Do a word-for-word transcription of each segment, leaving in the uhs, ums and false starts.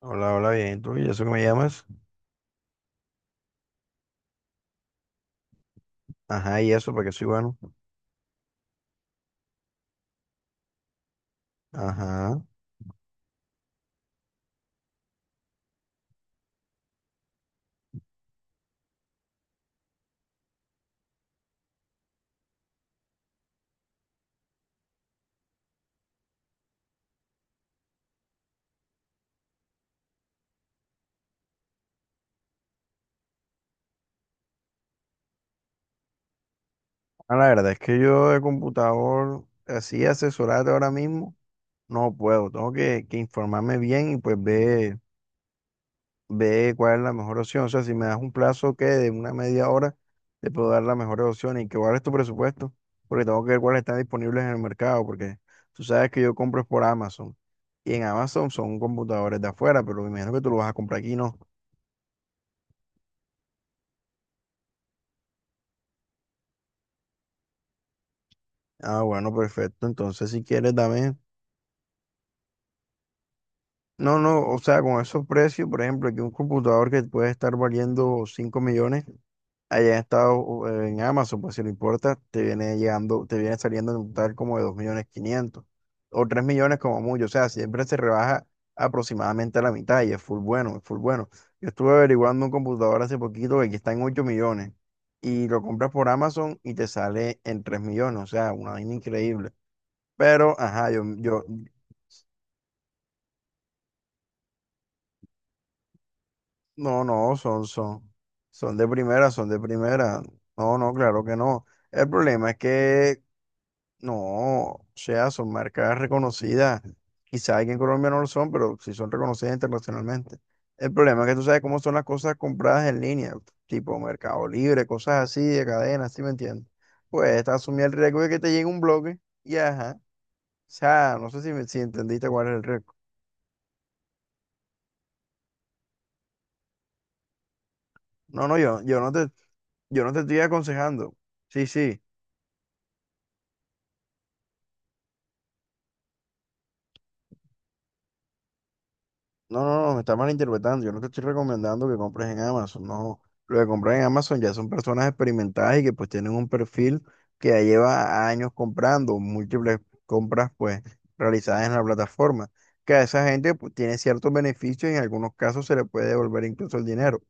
Hola, hola, bien, ¿tú? ¿Y eso que me llamas? Ajá, y eso, porque soy bueno. Ajá. Ah, la verdad es que yo de computador, así asesorarte ahora mismo, no puedo. Tengo que, que informarme bien y pues ver, ver cuál es la mejor opción. O sea, si me das un plazo que de una media hora, te puedo dar la mejor opción y que cuál es tu presupuesto, porque tengo que ver cuáles están disponibles en el mercado, porque tú sabes que yo compro es por Amazon. Y en Amazon son computadores de afuera, pero me imagino que tú lo vas a comprar aquí, ¿no? Ah, bueno, perfecto. Entonces, si quieres, dame. No, no, o sea, con esos precios, por ejemplo, aquí un computador que puede estar valiendo cinco millones, allá en Estados, eh, en Amazon, pues si lo importas, te viene llegando, te viene saliendo en un total como de dos millones quinientos o tres millones como mucho, o sea, siempre se rebaja aproximadamente a la mitad y es full bueno, es full bueno. Yo estuve averiguando un computador hace poquito que aquí está en ocho millones y lo compras por Amazon y te sale en tres millones, o sea, una vaina increíble. Pero, ajá, yo, yo, No, no, son, son, son de primera, son de primera. No, no, claro que no. El problema es que no, o sea, son marcas reconocidas. Quizá aquí en Colombia no lo son, pero sí son reconocidas internacionalmente. El problema es que tú sabes cómo son las cosas compradas en línea, tipo Mercado Libre, cosas así de cadenas, ¿sí me entiendes? Pues te asumí el riesgo de que te llegue un bloque y ajá. O sea, no sé si, me- si entendiste cuál es el riesgo. No, no, yo, yo no te, yo no te estoy aconsejando. Sí, sí. No, no, no, me está malinterpretando. Yo no te estoy recomendando que compres en Amazon, no. No. Lo que compras en Amazon ya son personas experimentadas y que pues tienen un perfil que ya lleva años comprando, múltiples compras pues realizadas en la plataforma. Que a esa gente pues tiene ciertos beneficios y en algunos casos se le puede devolver incluso el dinero,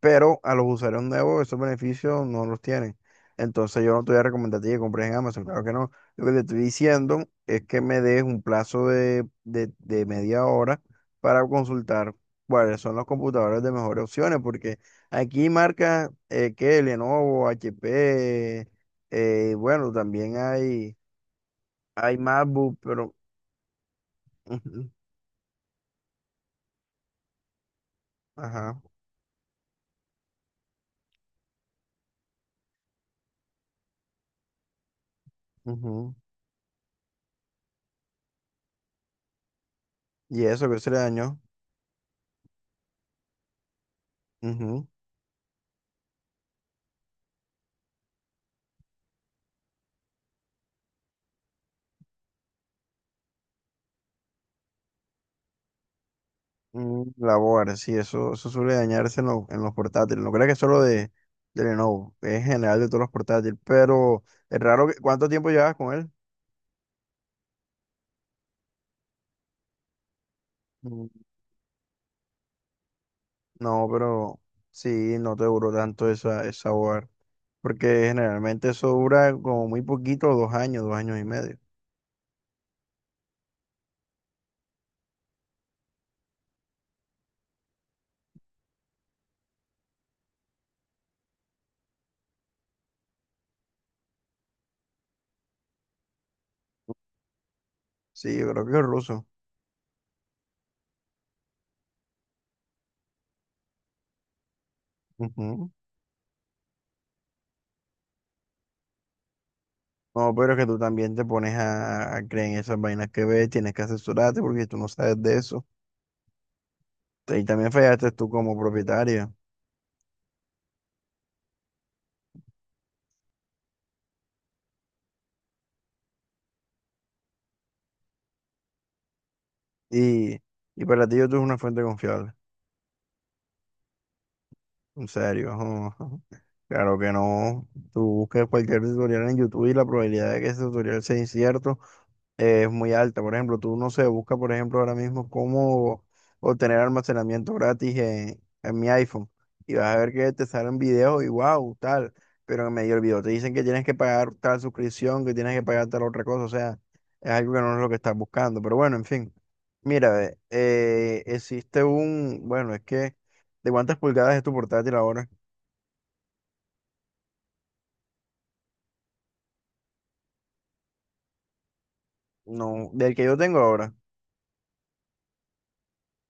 pero a los usuarios nuevos esos beneficios no los tienen. Entonces yo no te voy a recomendar a ti que compres en Amazon, claro que no. Lo que te estoy diciendo es que me des un plazo de, de, de media hora para consultar cuáles son los computadores de mejores opciones, porque aquí marcas eh, que Lenovo, H P, eh, bueno, también hay, hay MacBook, pero. Ujú. Ajá. Ujú. Y eso que se le dañó. Ujú. Mm, La board, sí, eso, eso suele dañarse en, lo- en los portátiles. No creo que es solo de, de Lenovo, es en general de todos los portátiles. Pero es raro que, ¿cuánto tiempo llevas con él? Mm, No, pero sí, no te duró tanto esa, esa board. Porque generalmente eso dura como muy poquito, dos años, dos años y medio. Sí, yo creo que es ruso. Ujú. No, pero es que tú también te pones a, a creer en esas vainas que ves, tienes que asesorarte porque tú no sabes de eso. Y también fallaste tú como propietario. Y, y para ti YouTube es una fuente confiable. En serio. Ajá, ajá. Claro que no. Tú buscas cualquier tutorial en YouTube y la probabilidad de que ese tutorial sea incierto, eh, es muy alta. Por ejemplo, tú no sé, busca, por ejemplo, ahora mismo cómo obtener almacenamiento gratis en, en mi iPhone y vas a ver que te salen videos y wow, tal, pero en medio del video te dicen que tienes que pagar tal suscripción, que tienes que pagar tal otra cosa, o sea, es algo que no es lo que estás buscando, pero bueno, en fin. Mira, ve, eh, existe un, bueno, es que, ¿de cuántas pulgadas es tu portátil ahora? No, del que yo tengo ahora.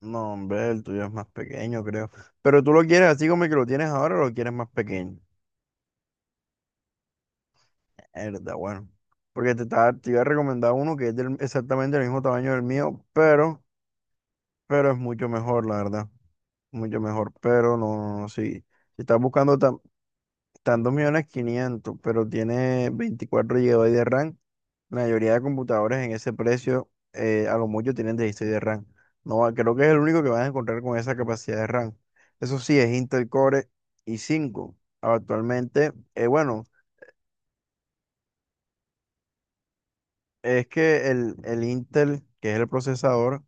No, hombre, el tuyo es más pequeño, creo. Pero tú lo quieres así como el que lo tienes ahora o lo quieres más pequeño. Verdad, bueno. Porque te, estaba- te iba a recomendar uno que es del- exactamente el mismo tamaño del mío, pero, pero es mucho mejor, la verdad. Mucho mejor. Pero no, no, no, sí. Si estás buscando tan, tan dos millones quinientos mil, pero tiene veinticuatro G B de RAM. La mayoría de computadores en ese precio, eh, a lo mucho tienen dieciséis de RAM. No, va- creo que es el único que vas a encontrar con esa capacidad de RAM. Eso sí, es Intel Core i cinco. Actualmente, eh, bueno, es que el, el Intel, que es el procesador,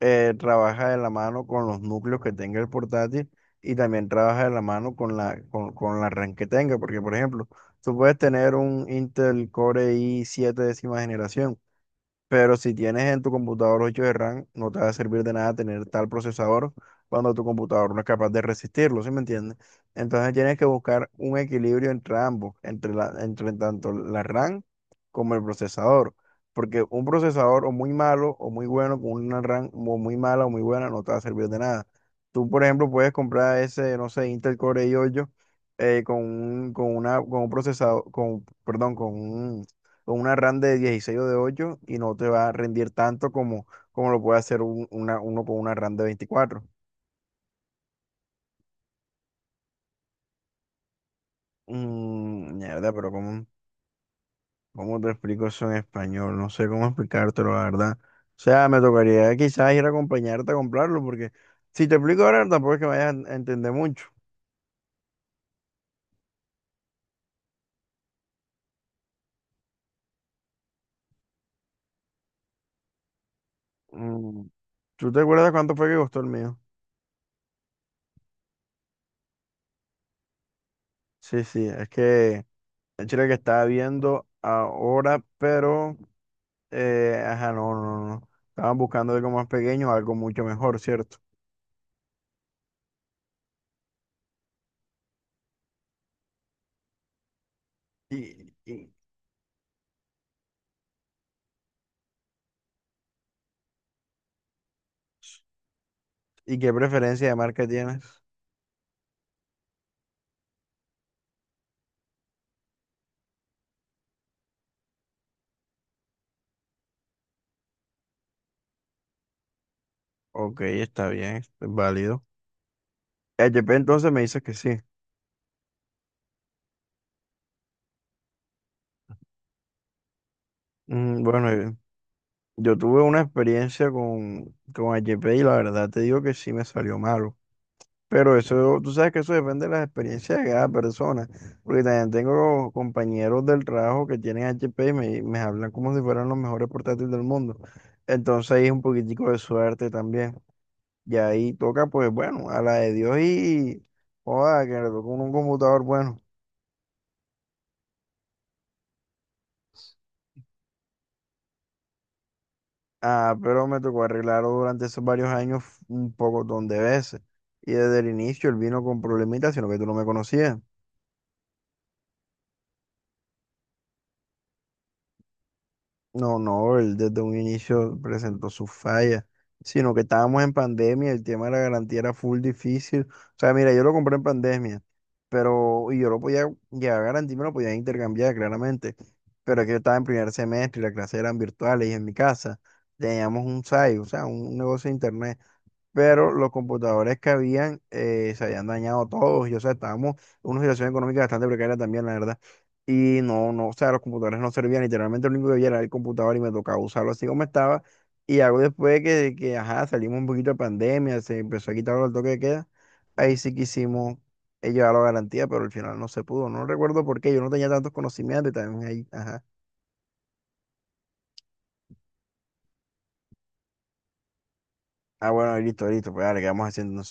eh, trabaja de la mano con los núcleos que tenga el portátil y también trabaja de la mano con la, con, con la RAM que tenga. Porque, por ejemplo, tú puedes tener un Intel Core i siete décima generación. Pero si tienes en tu computador ocho de RAM, no te va a servir de nada tener tal procesador cuando tu computador no es capaz de resistirlo, ¿sí me entiendes? Entonces tienes que buscar un equilibrio entre ambos, entre la, entre tanto la RAM como el procesador. Porque un procesador o muy malo o muy bueno con una RAM o muy mala o muy buena no te va a servir de nada. Tú, por ejemplo, puedes comprar ese, no sé, Intel Core i ocho, eh, con un, con una, con un procesador, con, perdón, con un con una RAM de dieciséis o de ocho y no te va a rendir tanto como, como lo puede hacer un- una, uno con una RAM de veinticuatro. Mm, mierda, pero ¿cómo, cómo te explico eso en español? No sé cómo explicártelo, la verdad. O sea, me tocaría quizás ir a acompañarte a comprarlo, porque si te explico ahora, tampoco es que vayas a entender mucho. Mm, ¿Tú te acuerdas cuánto fue que costó el mío? Sí, sí, es que el chile que estaba viendo ahora, pero. Eh, ajá, no, no, no. Estaban buscando algo más pequeño, algo mucho mejor, ¿cierto? ¿Y, y, y qué preferencia de marca tienes? Ok, está bien, es válido. H P entonces me dices que sí. Mm, bueno, eh, yo tuve una experiencia con, con H P y la verdad te digo que sí me salió malo. Pero eso, tú sabes que eso depende de las experiencias de cada persona. Porque también tengo compañeros del trabajo que tienen H P y me, me hablan como si fueran los mejores portátiles del mundo. Entonces ahí es un poquitico de suerte también. Y ahí toca, pues bueno, a la de Dios y joda, que le tocó un, un computador bueno. Ah, pero me tocó arreglarlo durante esos varios años un poco de veces. Y desde el inicio él vino con problemitas, sino que tú no me conocías. No, no, él desde un inicio presentó sus fallas, sino que estábamos en pandemia, el tema de la garantía era full difícil. O sea, mira, yo lo compré en pandemia, pero y yo lo podía, ya garantía me lo podía intercambiar claramente, pero es que yo estaba en primer semestre y las clases eran virtuales y en mi casa teníamos un site, o sea, un negocio de internet, pero los computadores que habían, eh, se habían dañado todos y o sea, estábamos en una situación económica bastante precaria también, la verdad. Y no, no, o sea, los computadores no servían, literalmente lo único que había era el computador y me tocaba usarlo así como estaba. Y algo después que, que, ajá, salimos un poquito de pandemia, se empezó a quitar el toque de queda, ahí sí quisimos, eh, llevarlo a garantía, pero al final no se pudo. No recuerdo por qué, yo no tenía tantos conocimientos y también ahí, ajá. Ah, bueno, listo, listo, pues dale, ¿qué vamos haciendo?